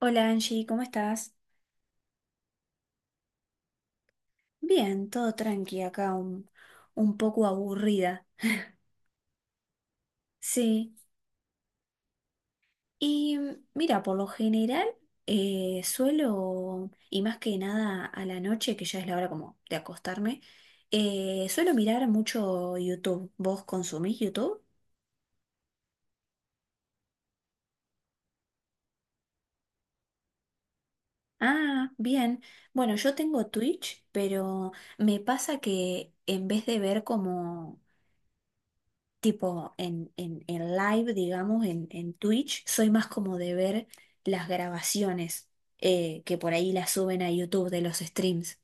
Hola Angie, ¿cómo estás? Bien, todo tranqui acá, un poco aburrida. Sí, y mira, por lo general suelo, y más que nada a la noche, que ya es la hora como de acostarme, suelo mirar mucho YouTube. ¿Vos consumís YouTube? Ah, bien. Bueno, yo tengo Twitch, pero me pasa que en vez de ver como tipo en live, digamos, en Twitch, soy más como de ver las grabaciones que por ahí las suben a YouTube de los streams.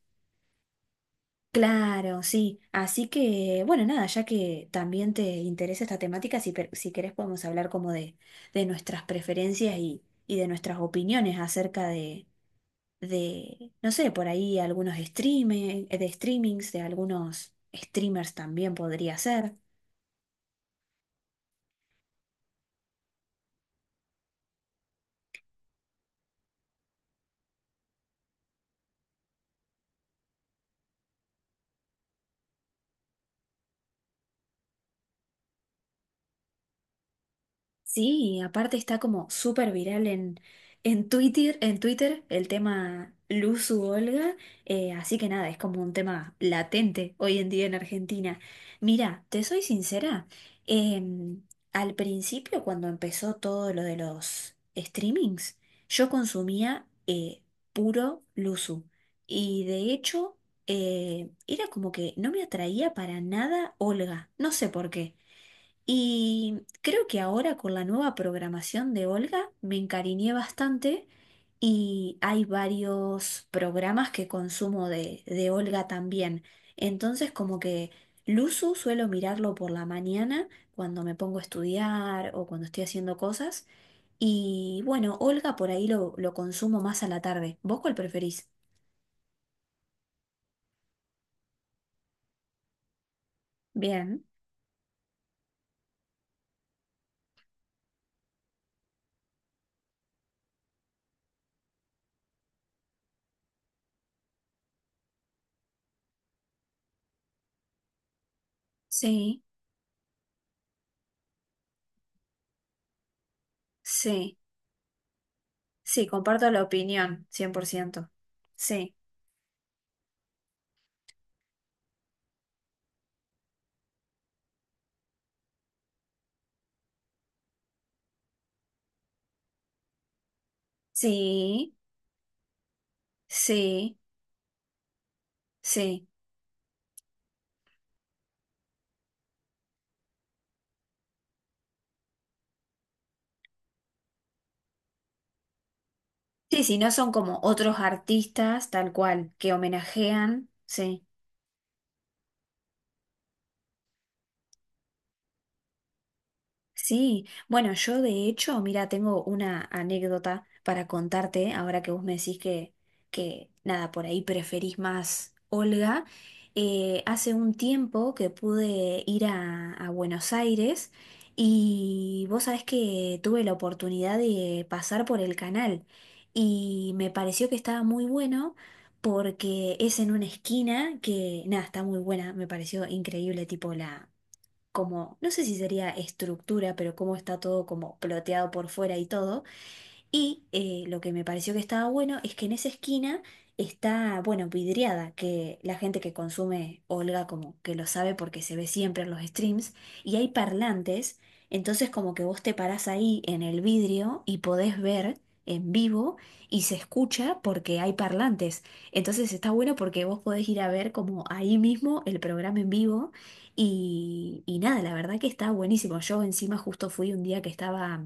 Claro, sí. Así que, bueno, nada, ya que también te interesa esta temática, si querés podemos hablar como de nuestras preferencias y de nuestras opiniones acerca de, no sé, por ahí algunos streaming, de streamings, de algunos streamers también podría ser. Sí, aparte está como súper viral en Twitter, en Twitter el tema Luzu Olga, así que nada, es como un tema latente hoy en día en Argentina. Mira, te soy sincera, em, al principio cuando empezó todo lo de los streamings, yo consumía puro Luzu, y de hecho era como que no me atraía para nada Olga, no sé por qué. Y creo que ahora con la nueva programación de Olga me encariñé bastante, y hay varios programas que consumo de Olga también. Entonces como que Luzu suelo mirarlo por la mañana cuando me pongo a estudiar o cuando estoy haciendo cosas. Y bueno, Olga por ahí lo consumo más a la tarde. ¿Vos cuál preferís? Bien, sí, sí, sí, comparto la opinión, cien por ciento. Sí, sí. Sí, sí. Sí, si no son como otros artistas, tal cual, que homenajean, sí. Sí, bueno, yo de hecho, mira, tengo una anécdota para contarte, ahora que vos me decís que nada, por ahí preferís más Olga. Hace un tiempo que pude ir a Buenos Aires, y vos sabés que tuve la oportunidad de pasar por el canal y me pareció que estaba muy bueno porque es en una esquina que, nada, está muy buena, me pareció increíble, tipo como, no sé si sería estructura, pero cómo está todo como ploteado por fuera y todo. Y lo que me pareció que estaba bueno es que en esa esquina está, bueno, vidriada, que la gente que consume Olga como que lo sabe porque se ve siempre en los streams, y hay parlantes, entonces como que vos te parás ahí en el vidrio y podés ver en vivo, y se escucha porque hay parlantes. Entonces está bueno porque vos podés ir a ver como ahí mismo el programa en vivo, y nada, la verdad que está buenísimo. Yo encima justo fui un día que estaba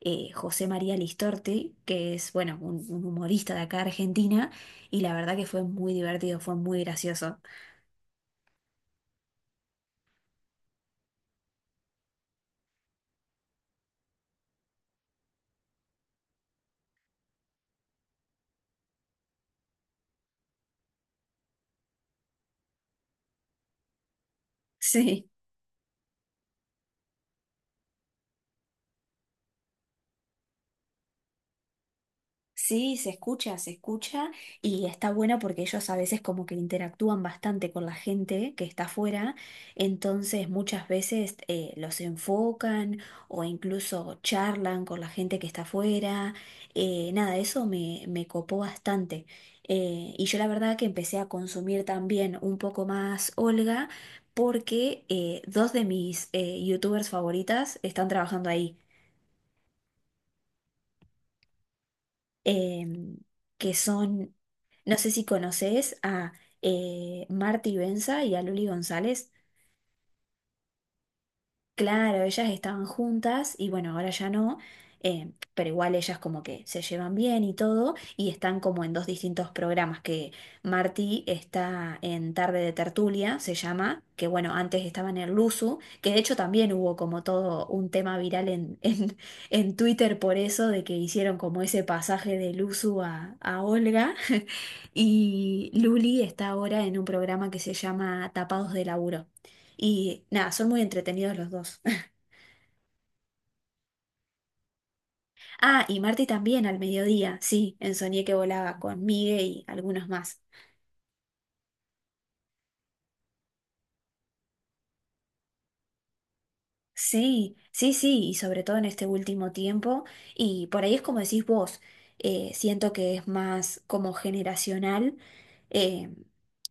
José María Listorti, que es, bueno, un humorista de acá de Argentina, y la verdad que fue muy divertido, fue muy gracioso. Sí. Sí, se escucha, se escucha, y está bueno porque ellos a veces como que interactúan bastante con la gente que está afuera, entonces muchas veces los enfocan o incluso charlan con la gente que está afuera. Nada, eso me copó bastante. Y yo la verdad que empecé a consumir también un poco más Olga porque dos de mis youtubers favoritas están trabajando ahí. em, que son, no sé si conoces a Marty Benza y a Luli González. Claro, ellas estaban juntas y bueno, ahora ya no, pero igual ellas como que se llevan bien y todo, y están como en dos distintos programas. Que Martí está en Tarde de Tertulia, se llama, que bueno, antes estaba en el Luzu, que de hecho también hubo como todo un tema viral en Twitter por eso, de que hicieron como ese pasaje de Luzu a Olga, y Luli está ahora en un programa que se llama Tapados de Laburo, y nada, son muy entretenidos los dos. Ah, y Marty también al mediodía, sí, en Soñé Que Volaba con Migue y algunos más. Sí, sí, sí, y sobre todo en este último tiempo, y por ahí es como decís vos, siento que es más como generacional, eh,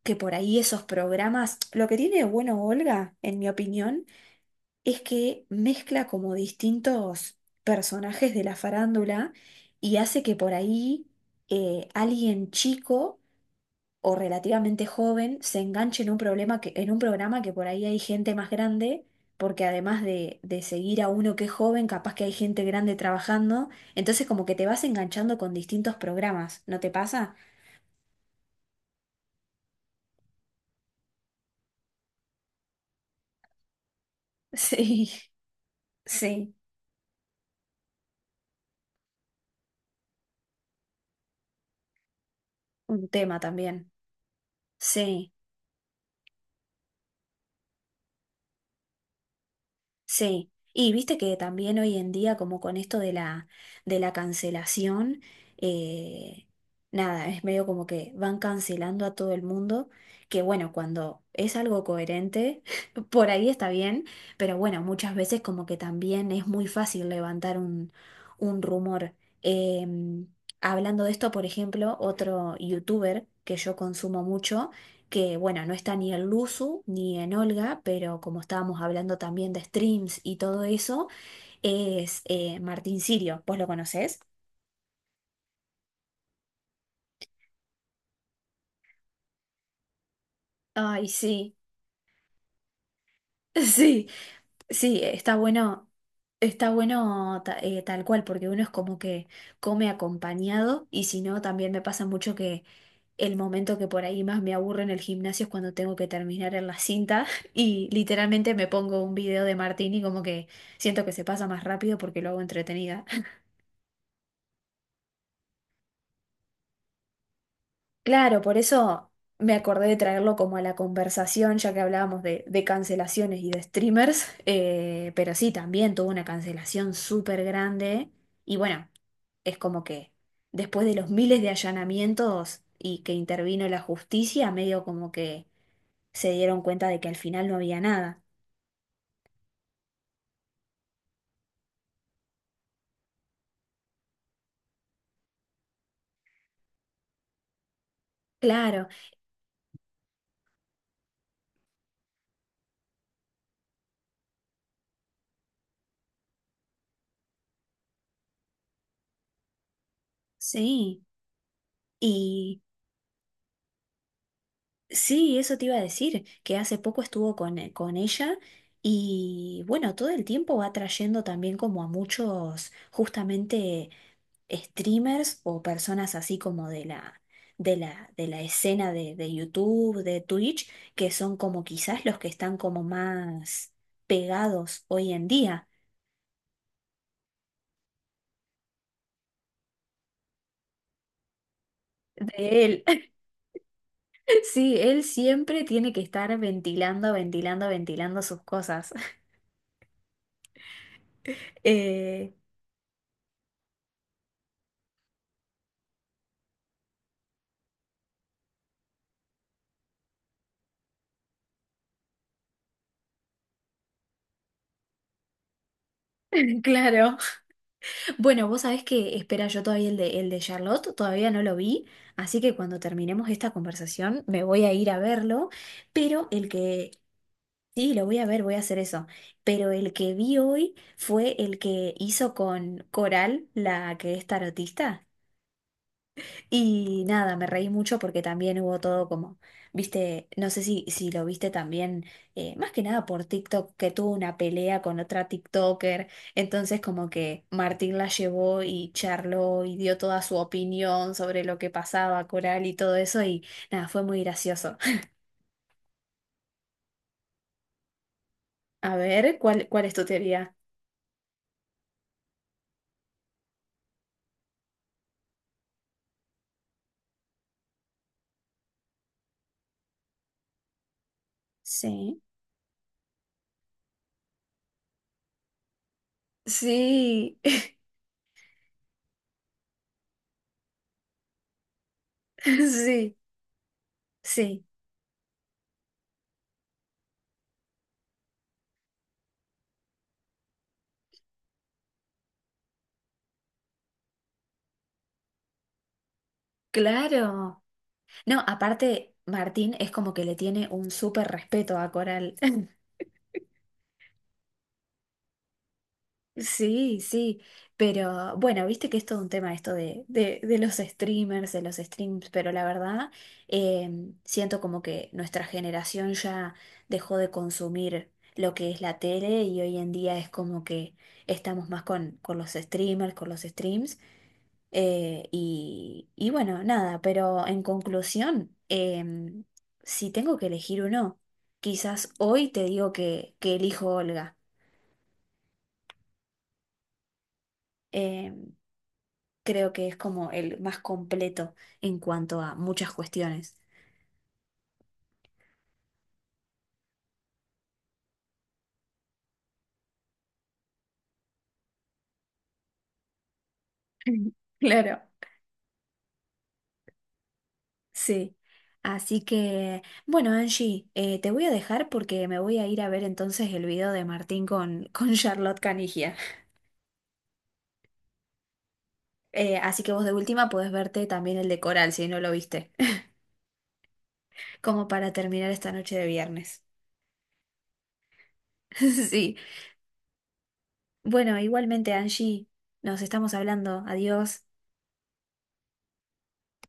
que por ahí esos programas, lo que tiene de bueno Olga, en mi opinión, es que mezcla como distintos personajes de la farándula, y hace que por ahí alguien chico o relativamente joven se enganche en un problema que, en un programa que por ahí hay gente más grande, porque además de seguir a uno que es joven, capaz que hay gente grande trabajando, entonces como que te vas enganchando con distintos programas, ¿no te pasa? Sí, sí, un tema también. Sí. Sí, y viste que también hoy en día, como con esto de la cancelación, eh, nada, es medio como que van cancelando a todo el mundo, que bueno, cuando es algo coherente, por ahí está bien, pero bueno, muchas veces como que también es muy fácil levantar un rumor. Em, Hablando de esto, por ejemplo, otro youtuber que yo consumo mucho, que bueno, no está ni en Luzu ni en Olga, pero como estábamos hablando también de streams y todo eso, es Martín Sirio. ¿Vos lo conocés? Ay, sí, sí, sí, está bueno, está bueno, tal cual, porque uno es como que come acompañado, y si no, también me pasa mucho que el momento que por ahí más me aburre en el gimnasio es cuando tengo que terminar en la cinta, y literalmente me pongo un video de Martín y como que siento que se pasa más rápido porque lo hago entretenida. Claro, por eso me acordé de traerlo como a la conversación, ya que hablábamos de cancelaciones y de streamers, pero sí, también tuvo una cancelación súper grande, y bueno, es como que después de los miles de allanamientos y que intervino la justicia, medio como que se dieron cuenta de que al final no había nada. Claro, sí. Y sí, eso te iba a decir, que hace poco estuvo con ella, y bueno, todo el tiempo va trayendo también como a muchos, justamente streamers o personas así como de la, de la escena de YouTube, de Twitch, que son como quizás los que están como más pegados hoy en día. De él. Sí, él siempre tiene que estar ventilando, ventilando, ventilando sus cosas. Eh, claro. Bueno, vos sabés que espera, yo todavía el de Charlotte, todavía no lo vi, así que cuando terminemos esta conversación me voy a ir a verlo, pero el que, sí, lo voy a ver, voy a hacer eso, pero el que vi hoy fue el que hizo con Coral, la que es tarotista. Y nada, me reí mucho porque también hubo todo como, viste, no sé si lo viste también, más que nada por TikTok, que tuvo una pelea con otra TikToker, entonces como que Martín la llevó y charló y dio toda su opinión sobre lo que pasaba, Coral y todo eso, y nada, fue muy gracioso. A ver, ¿cuál es tu teoría? Sí, sí, sí, sí, claro. No, aparte, Martín es como que le tiene un súper respeto a Coral. Sí, sí, pero bueno, viste que es todo un tema esto de, de los streamers, de los streams, pero la verdad siento como que nuestra generación ya dejó de consumir lo que es la tele, y hoy en día es como que estamos más con los streamers, con los streams, y bueno, nada, pero en conclusión, si tengo que elegir uno, quizás hoy te digo que elijo Olga. em, creo que es como el más completo en cuanto a muchas cuestiones. Claro. Sí. Así que, bueno, Angie, te voy a dejar porque me voy a ir a ver entonces el video de Martín con Charlotte Canigia. Así que vos de última podés verte también el de Coral si no lo viste, como para terminar esta noche de viernes. Sí. Bueno, igualmente, Angie, nos estamos hablando. Adiós.